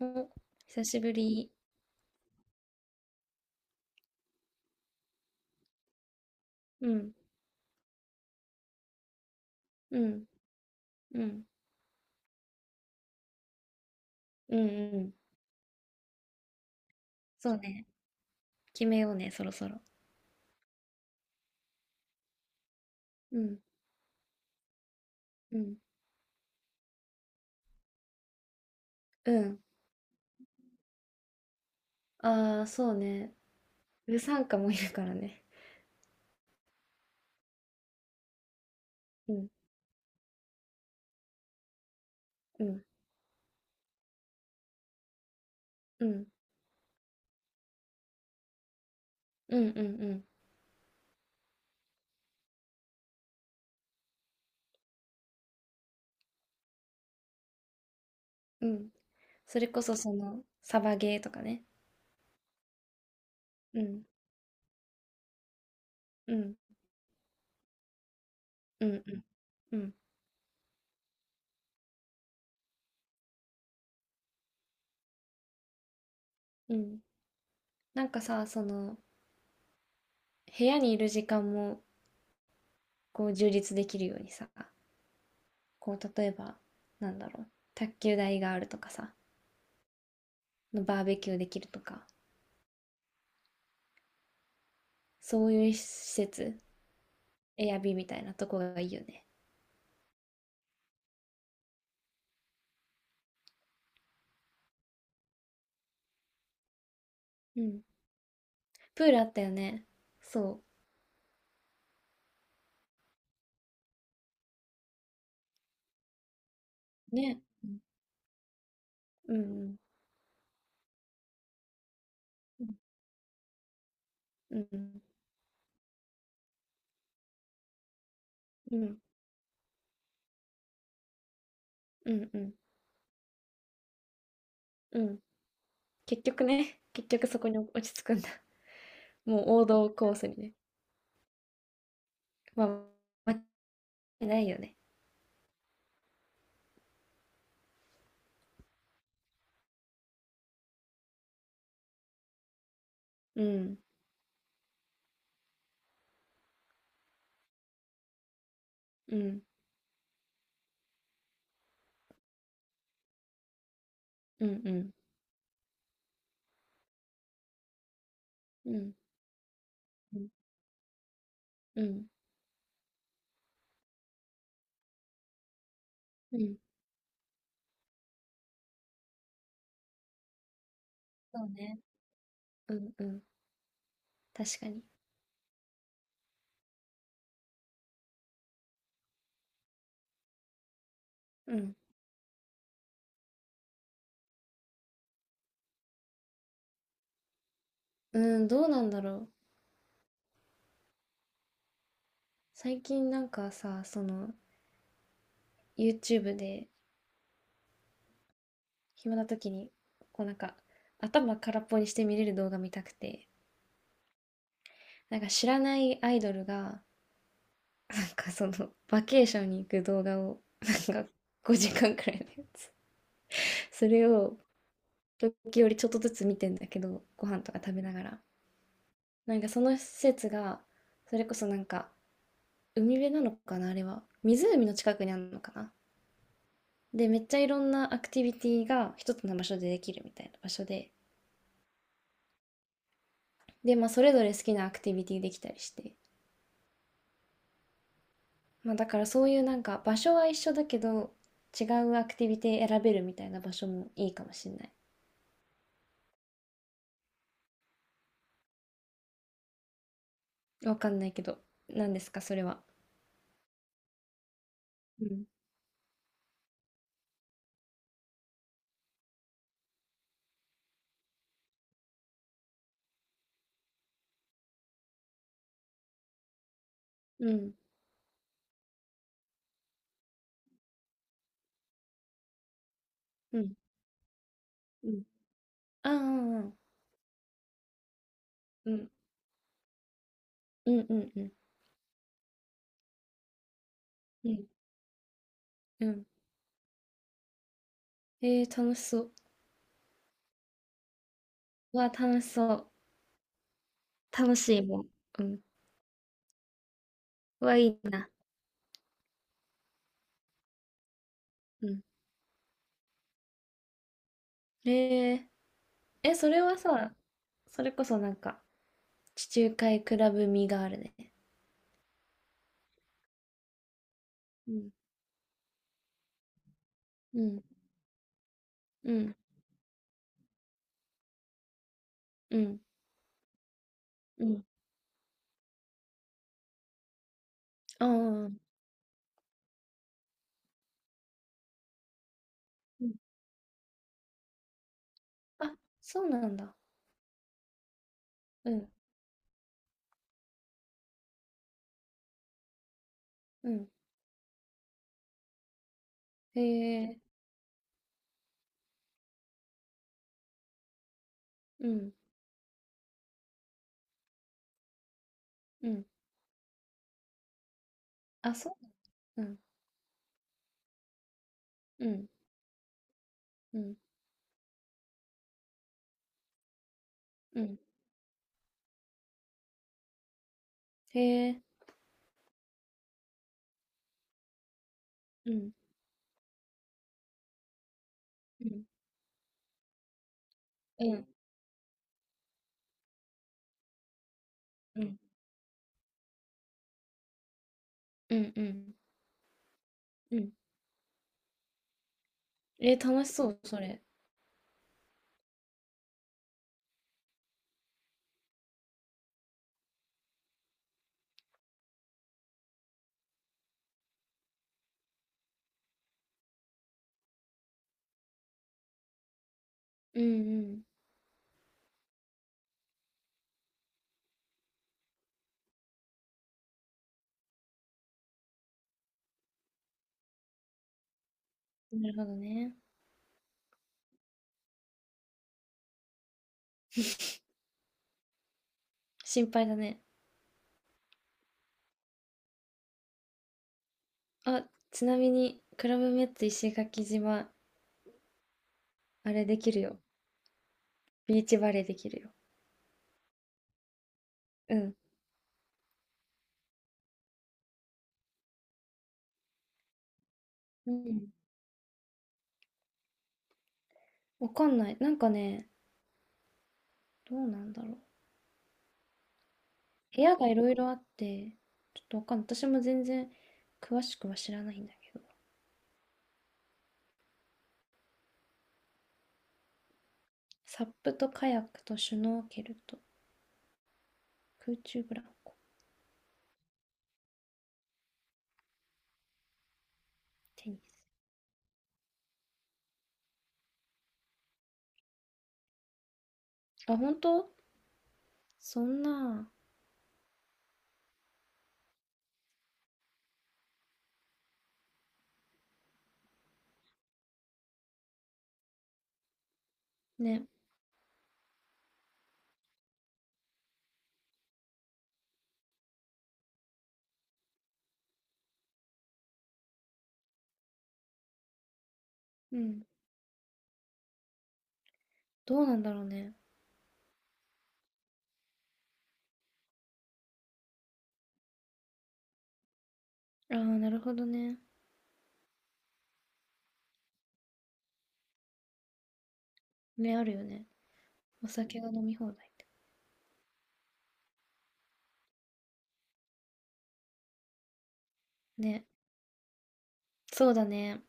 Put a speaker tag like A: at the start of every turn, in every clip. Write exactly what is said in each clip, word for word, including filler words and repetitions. A: お、久しぶり。うん、うん、うん、うん、うん。そうね。決めようね、そろそろ。うん、うん、うん。ああ、そうね。うさんかもいるからね。うん、うん、うん、うん、うん、うん、うん。それこそその、サバゲーとかね。うん、うん、うん、うん、うん、うん。なんかさ、その、部屋にいる時間も、こう、充実できるようにさ、こう、例えば、なんだろう、卓球台があるとかさ、バーベキューできるとか、そういう施設、エアビーみたいなとこがいいよね。うん。プールあったよね。そう。ね。うん。うん。うん。うん。うん。うん。うん。結局ね、結局そこに落ち着くんだ。もう王道コースにね。まあ、間違いないよね。うん。うん。うん。うん。うん。うん。うん。うん、そうね。うんうん。確かに。うん。うん、どうなんだろう。最近なんかさ、その ユーチューブ で暇な時に、こうなんか、頭空っぽにして見れる動画見たくて、なんか知らないアイドルが、なんかその、バケーションに行く動画を、なんかごじかんくらいのやつ。それを、時折ちょっとずつ見てんだけど、ご飯とか食べながら。なんかその施設が、それこそなんか、海辺なのかな、あれは。湖の近くにあるのかな。で、めっちゃいろんなアクティビティが一つの場所でできるみたいな場所で。で、まあ、それぞれ好きなアクティビティできたりして。まあだからそういうなんか場所は一緒だけど違うアクティビティ選べるみたいな場所もいいかもしれない。わかんないけど、何ですか、それは。うん。うん。うん。うん。ああ、うん。うん。うん。うん。うん。うん。うん。えー、楽しそう。うわ、楽しそう。楽しいもん。うん。うわ、いいな。うん。ええ。え、それはさ、それこそなんか、地中海クラブ味があるね。うん。うん。うん。うん。うん。ああ。うん。あ、そうなんだ。うん、うん。へえ、うん、うん。あ、そう。うん、うん、うん、うん。へえ、うん、うん、うん、うん、うん、うん。うん、えー、楽しそう、それ。うん、うん。なるほどね。心配だね。あ、ちなみに、クラブメッツ石垣島、あれできるよ。ビーチバレーできるよ。うん。うん。わかんない。なんかね、どうなんだろう。部屋がいろいろあって、ちょっとわかんない。私も全然詳しくは知らないんだけど。サップとカヤックとシュノーケルと空中ブランコ、テニス。あ、本当そんな、ね、うん。どうなんだろうね。ああ、なるほどね。目あるよね。お酒が飲み放題って。ね、そうだね。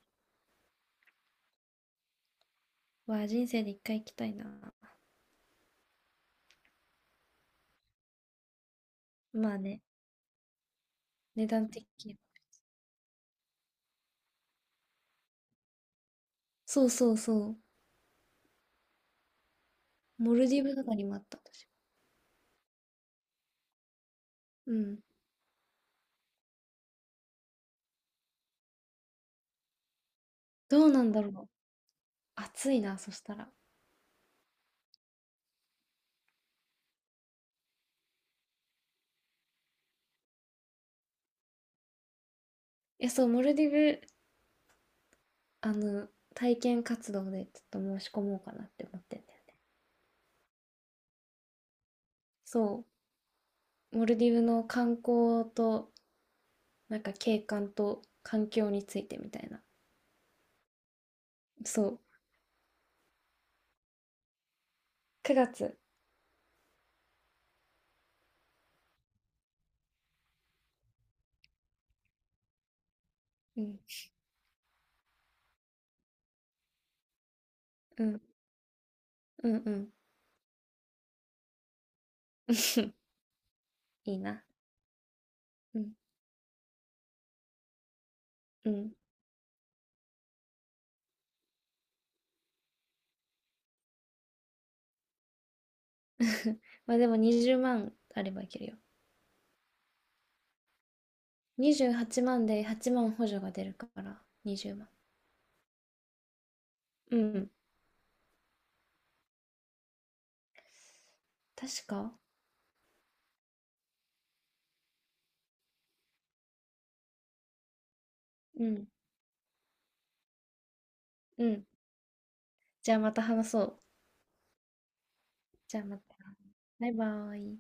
A: わあ、人生で一回行きたいな。まあね、値段的には。そうそうそう。モルディブとかにもあった、私。うん。どうなんだろう。暑いな、そしたら。え、そう、モルディブ、あの、体験活動でちょっと申し込もうかなって思ってんだよね。そう。モルディブの観光と、なんか景観と環境についてみたいな。そう。くがつ。うん。うん。うんうん。いいな。うん。うん。まあでもにじゅうまんあればいけるよ。にじゅうはちまんではちまん補助が出るから、にじゅうまん。うん。確か、うん。うん。じゃあまた話そう。じゃあまた。バイバーイ。